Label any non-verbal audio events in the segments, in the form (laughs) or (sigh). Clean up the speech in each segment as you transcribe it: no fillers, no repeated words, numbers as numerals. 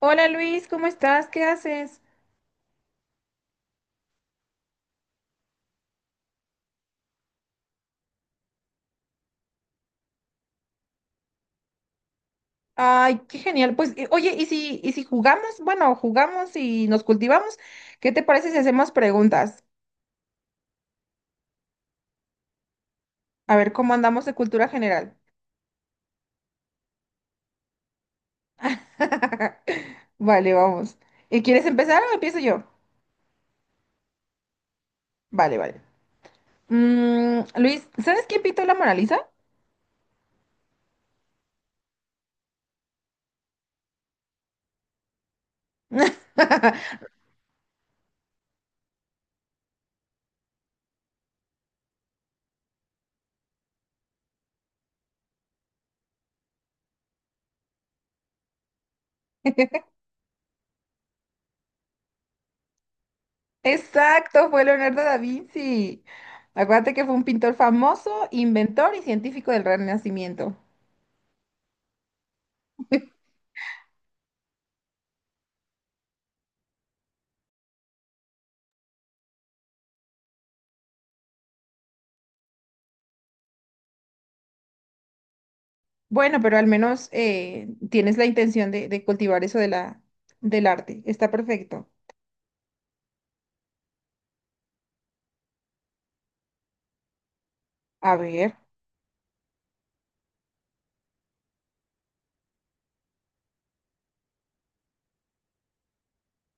Hola, Luis, ¿cómo estás? ¿Qué haces? Ay, qué genial. Pues, oye, ¿y si jugamos? Bueno, jugamos y nos cultivamos. ¿Qué te parece si hacemos preguntas? A ver cómo andamos de cultura general. (laughs) Vale, vamos. ¿Y quieres empezar o empiezo yo? Vale, vale. Luis, ¿sabes quién pintó la Mona Lisa? (laughs) Exacto, fue Leonardo da Vinci. Acuérdate que fue un pintor famoso, inventor y científico del Renacimiento. Bueno, pero al menos tienes la intención de cultivar eso del arte. Está perfecto. A ver.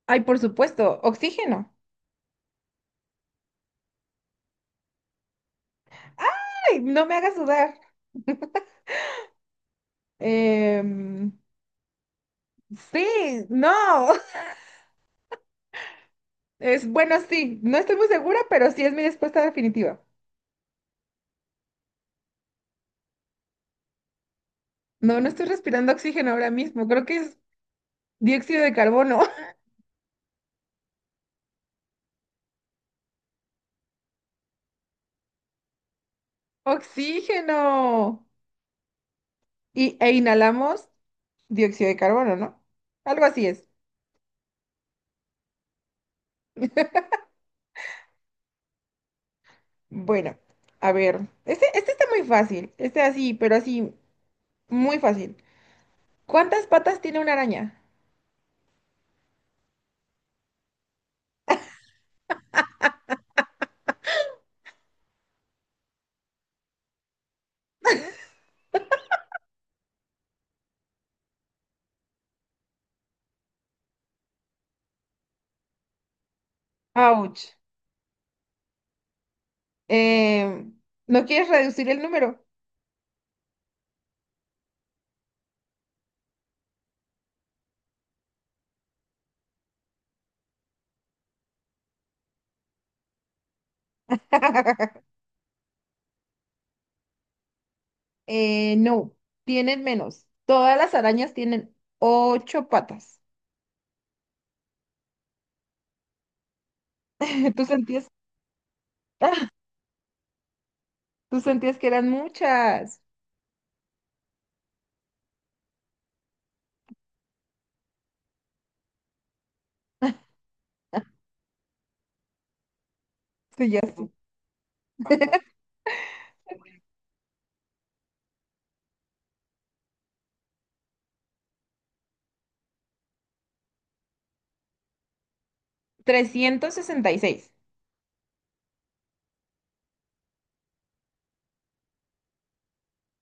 Ay, por supuesto, oxígeno. ¡Ay, no me hagas dudar! Em, sí, no. (laughs) Es bueno, sí. No estoy muy segura, pero sí es mi respuesta definitiva. No, no estoy respirando oxígeno ahora mismo. Creo que es dióxido de carbono. (laughs) ¡Oxígeno! E inhalamos dióxido de carbono, ¿no? Algo así es. (laughs) Bueno, a ver. Este está muy fácil. Este así, pero así, muy fácil. ¿Cuántas patas tiene una araña? Ouch. Eh, ¿No quieres reducir el número? (laughs) No, tienen menos. Todas las arañas tienen ocho patas. (laughs) Tú sentías, ah, tú sentías que eran muchas. (laughs) Sí, ya sé. 366.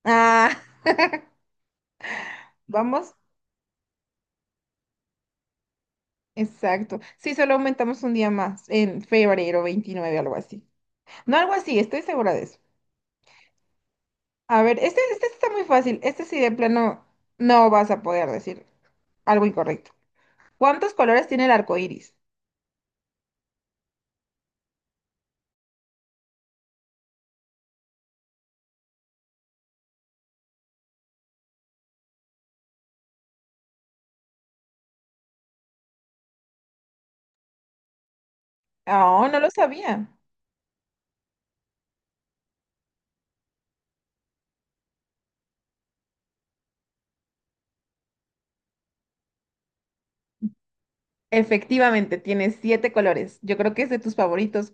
Ah, (laughs) vamos. Exacto. Sí, solo aumentamos un día más, en febrero 29, algo así. No algo así, estoy segura de eso. A ver, este está muy fácil. Este sí de plano no vas a poder decir algo incorrecto. ¿Cuántos colores tiene el arco iris? Oh, no lo sabía. Efectivamente, tiene siete colores. Yo creo que es de tus favoritos,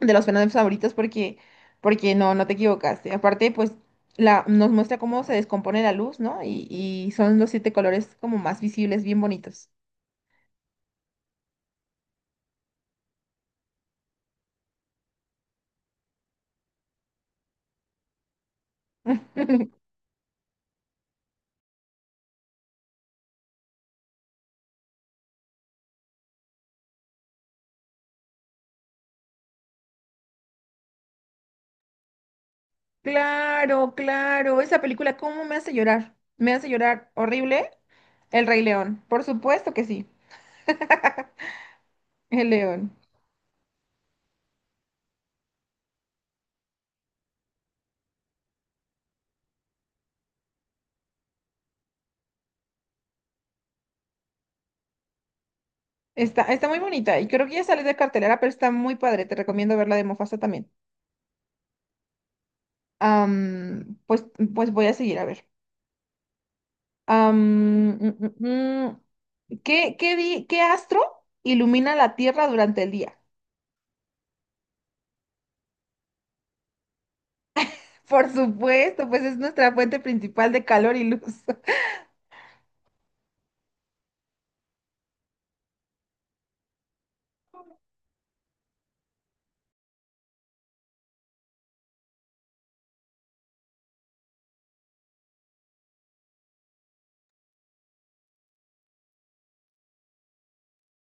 de los fenómenos favoritos, porque no, no te equivocaste. Aparte, pues nos muestra cómo se descompone la luz, ¿no? Y son los siete colores como más visibles, bien bonitos. Claro, claro. Esa película, ¿cómo me hace llorar? Me hace llorar horrible. El Rey León. Por supuesto que sí. El León. Está, está muy bonita y creo que ya sale de cartelera, pero está muy padre. Te recomiendo verla de Mufasa también. Am, pues, pues voy a seguir a ver. Am, mm, mm, mm. ¿ qué astro ilumina la Tierra durante el día? Por supuesto, pues es nuestra fuente principal de calor y luz.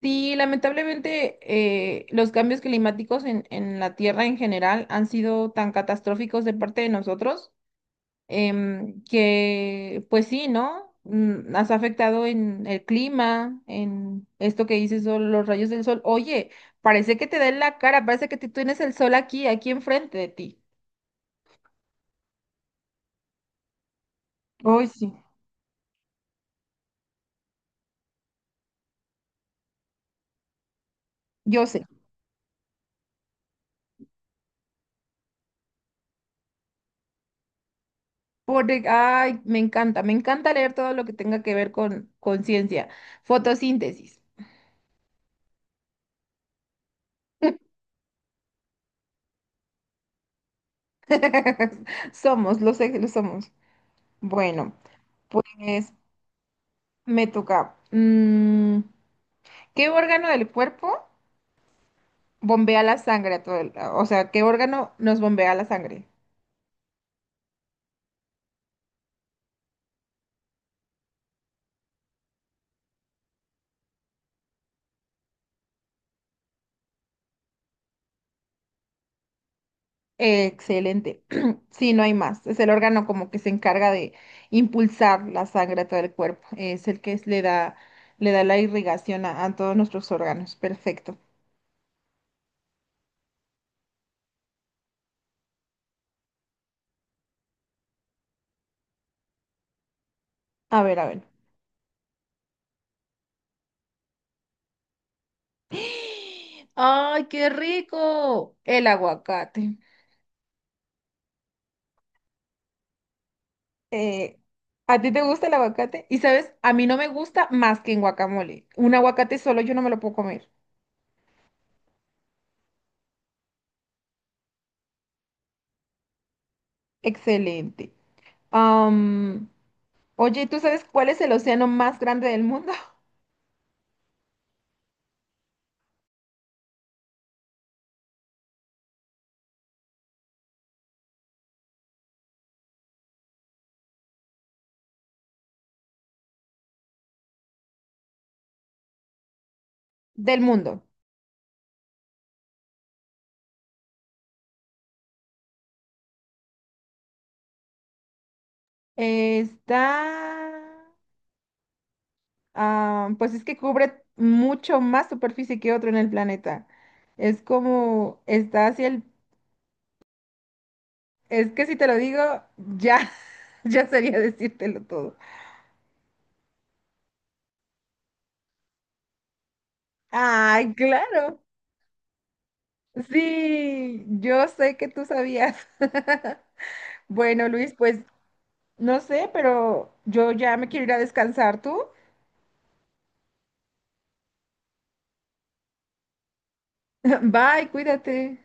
Sí, lamentablemente los cambios climáticos en la Tierra en general han sido tan catastróficos de parte de nosotros, que pues sí, ¿no? Mm, has afectado en el clima, en esto que dices, o los rayos del sol. Oye, parece que te da en la cara, parece que tú tienes el sol aquí, aquí enfrente de ti. Hoy sí. Yo sé, porque, ay, me encanta leer todo lo que tenga que ver con ciencia. Fotosíntesis. (laughs) (laughs) Somos, lo sé que lo somos. Bueno, pues me toca. Mm, ¿qué órgano del cuerpo bombea la sangre a todo o sea, ¿qué órgano nos bombea la sangre? Excelente. (clears throat) Sí, no hay más. Es el órgano como que se encarga de impulsar la sangre a todo el cuerpo. Es el que le da la irrigación a todos nuestros órganos. Perfecto. A ver, a ver. (gasps) ¡Ay, qué rico! El aguacate. eh, ¿A ti te gusta el aguacate? Y sabes, a mí no me gusta más que en guacamole. Un aguacate solo yo no me lo puedo comer. Excelente. Am, oye, ¿tú sabes cuál es el océano más grande del mundo? (laughs) Del mundo. Está... ah, pues es que cubre mucho más superficie que otro en el planeta. Es como... Está hacia el... Es que si te lo digo, ya, (laughs) ya sería decírtelo todo. Ay, claro. Sí, yo sé que tú sabías. (laughs) Bueno, Luis, pues no sé, pero yo ya me quiero ir a descansar tú. (laughs) Bye, cuídate.